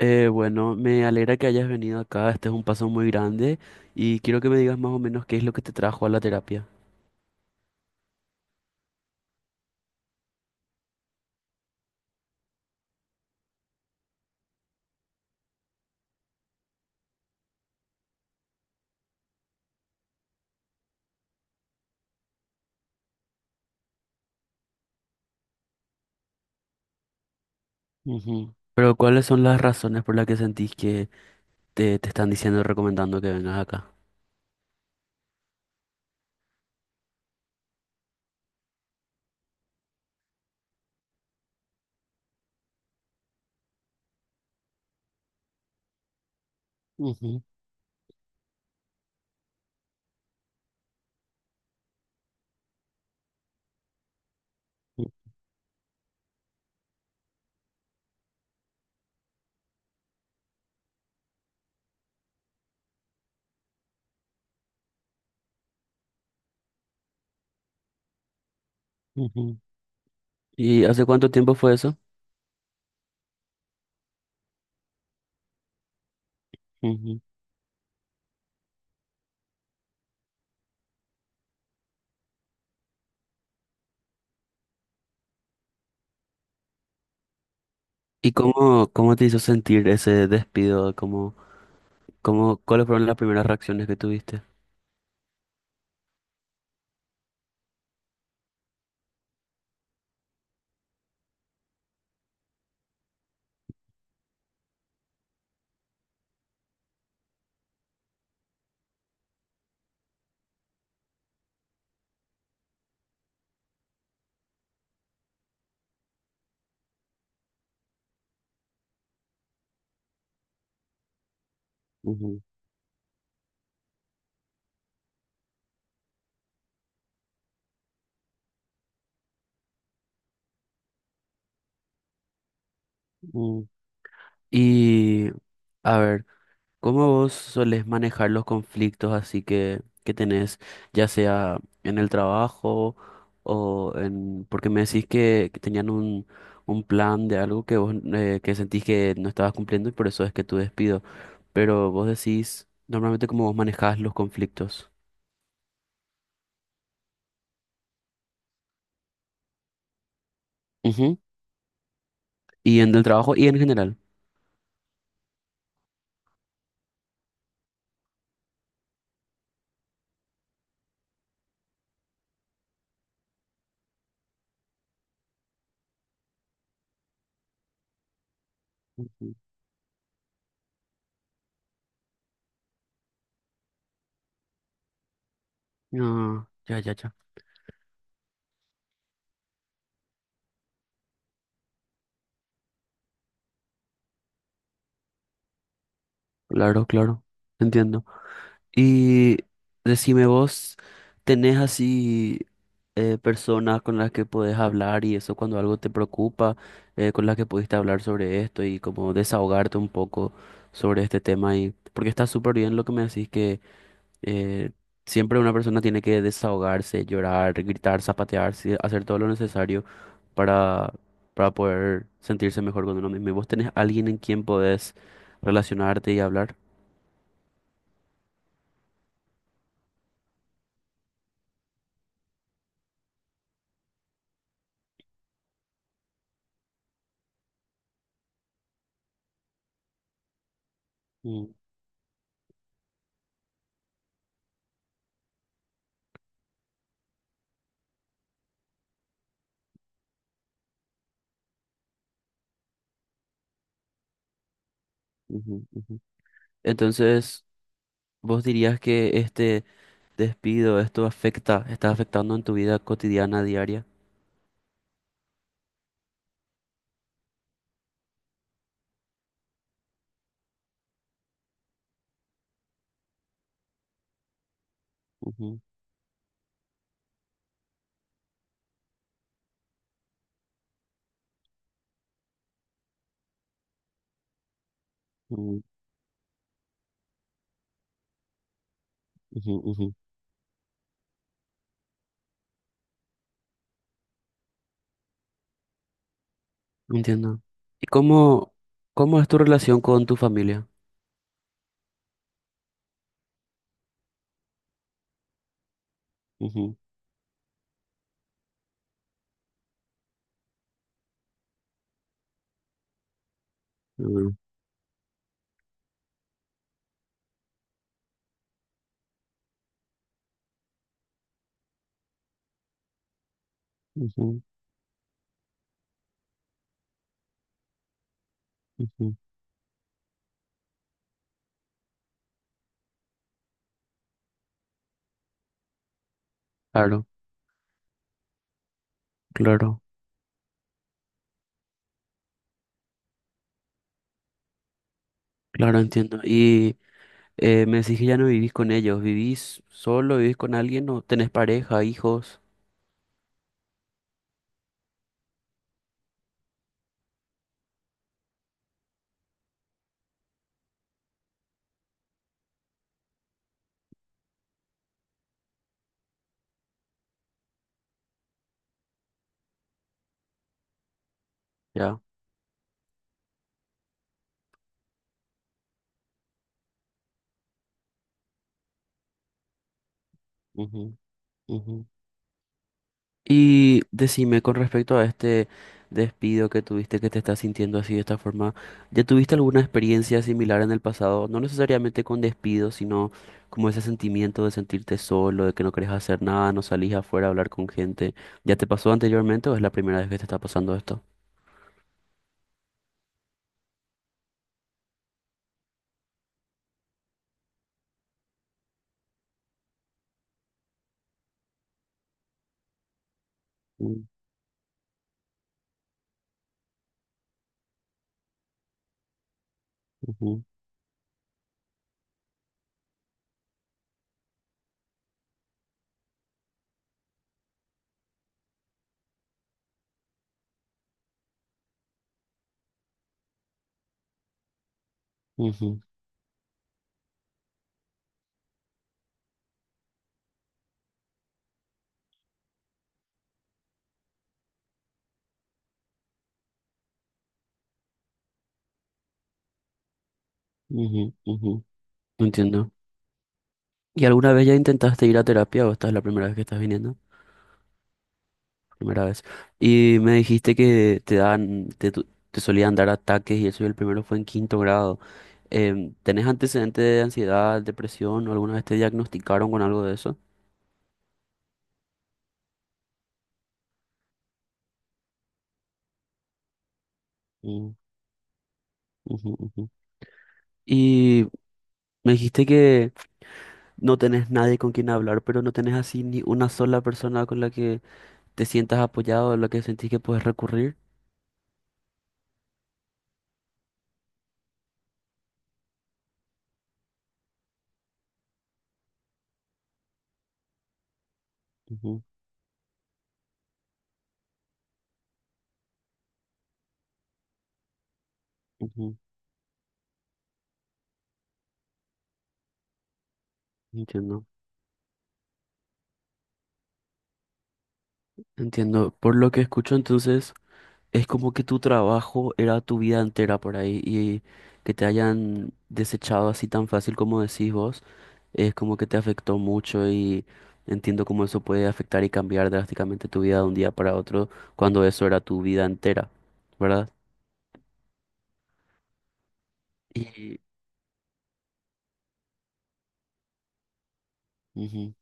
Bueno, me alegra que hayas venido acá. Este es un paso muy grande y quiero que me digas más o menos qué es lo que te trajo a la terapia. Ujú. Pero ¿cuáles son las razones por las que sentís que te están diciendo y recomendando que vengas acá? Ujú, ujú. ¿Y hace cuánto tiempo fue eso? Ujú. ¿Y cómo, cómo te hizo sentir ese despido? ¿Cómo, cómo, cuáles fueron las primeras reacciones que tuviste? Ujú, mm. Y a ver. ¿Cómo vos solés manejar los conflictos así que tenés, ya sea en el trabajo o en... Porque me decís que tenían un plan de algo que vos que sentís que no estabas cumpliendo y por eso es que tu despido. Pero vos decís normalmente cómo vos manejás los conflictos. Ujú. Y en el trabajo y en general. Ujú. Ah, ya, ya, ya. Claro, claro. Entiendo. Y decime vos, ¿tenés así personas con las que podés hablar y eso cuando algo te preocupa, con las que pudiste hablar sobre esto y como desahogarte un poco sobre este tema? Y, porque está súper bien lo que me decís que eh, siempre una persona tiene que desahogarse, llorar, gritar, zapatearse, hacer todo lo necesario para, para poder sentirse mejor con uno mismo. ¿Y vos tenés alguien en quien podés relacionarte y hablar? Mm, ujú, ujú. Entonces... ¿Vos dirías que este despido, esto afecta, está afectando en tu vida cotidiana, diaria? Ujú, ujú, ujú, ujú. Entiendo. ¿Y cómo, cómo es tu relación con tu familia? Ujú, ujú, ujú, ujú. Claro, claro, claro, entiendo. Y me decís que ya no vivís con ellos, ¿vivís solo, vivís con alguien o tenés pareja, hijos? Ya. Ujú, ujú. Y decime con respecto a este despido que tuviste, que te estás sintiendo así de esta forma, ¿ya tuviste alguna experiencia similar en el pasado? No necesariamente con despido, sino como ese sentimiento de sentirte solo, de que no querés hacer nada, no salís afuera a hablar con gente. ¿Ya te pasó anteriormente o es la primera vez que te está pasando esto? Mm, ujú, ujú, ujú, ujú. Entiendo. ¿Y alguna vez ya intentaste ir a terapia o esta es la primera vez que estás viniendo? Primera vez. Y me dijiste que te dan, te, te solían dar ataques y eso, y el primero fue en quinto grado. ¿Tenés antecedentes de ansiedad, depresión o alguna vez te diagnosticaron con algo de eso? Mm, ujú, ujú. Y me dijiste que no tenés nadie con quien hablar, pero no tenés así ni una sola persona con la que te sientas apoyado, a la que sentís que puedes recurrir. Ujú, ujú, entiendo. Entiendo. Por lo que escucho, entonces. Es como que tu trabajo era tu vida entera por ahí y que te hayan desechado así tan fácil como decís vos, es como que te afectó mucho y entiendo cómo eso puede afectar y cambiar drásticamente tu vida de un día para otro cuando eso era tu vida entera, ¿verdad? Y ujú.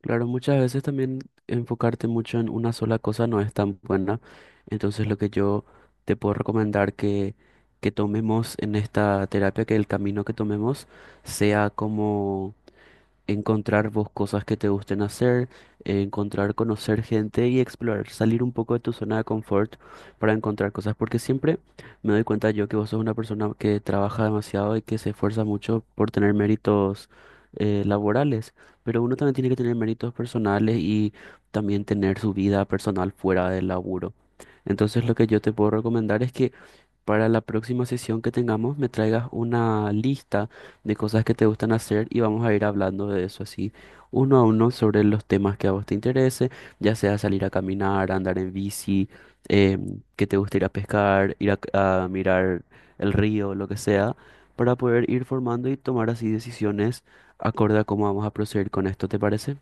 Claro, muchas veces también enfocarte mucho en una sola cosa no es tan buena. Entonces lo que yo te puedo recomendar que, tomemos en esta terapia, que el camino que tomemos sea como encontrar vos cosas que te gusten hacer, encontrar, conocer gente y explorar, salir un poco de tu zona de confort para encontrar cosas, porque siempre me doy cuenta yo que vos sos una persona que trabaja demasiado y que se esfuerza mucho por tener méritos laborales, pero uno también tiene que tener méritos personales y también tener su vida personal fuera del laburo. Entonces lo que yo te puedo recomendar es que para la próxima sesión que tengamos me traigas una lista de cosas que te gustan hacer y vamos a ir hablando de eso así uno a uno sobre los temas que a vos te interese, ya sea salir a caminar, andar en bici, eh, que te guste ir a pescar, ir a mirar el río, lo que sea, para poder ir formando y tomar así decisiones acorde a cómo vamos a proceder con esto, ¿te parece?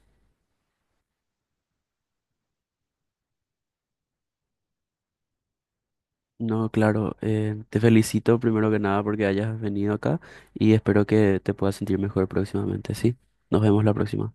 No, claro, te felicito primero que nada porque hayas venido acá y espero que te puedas sentir mejor próximamente. Sí, nos vemos la próxima.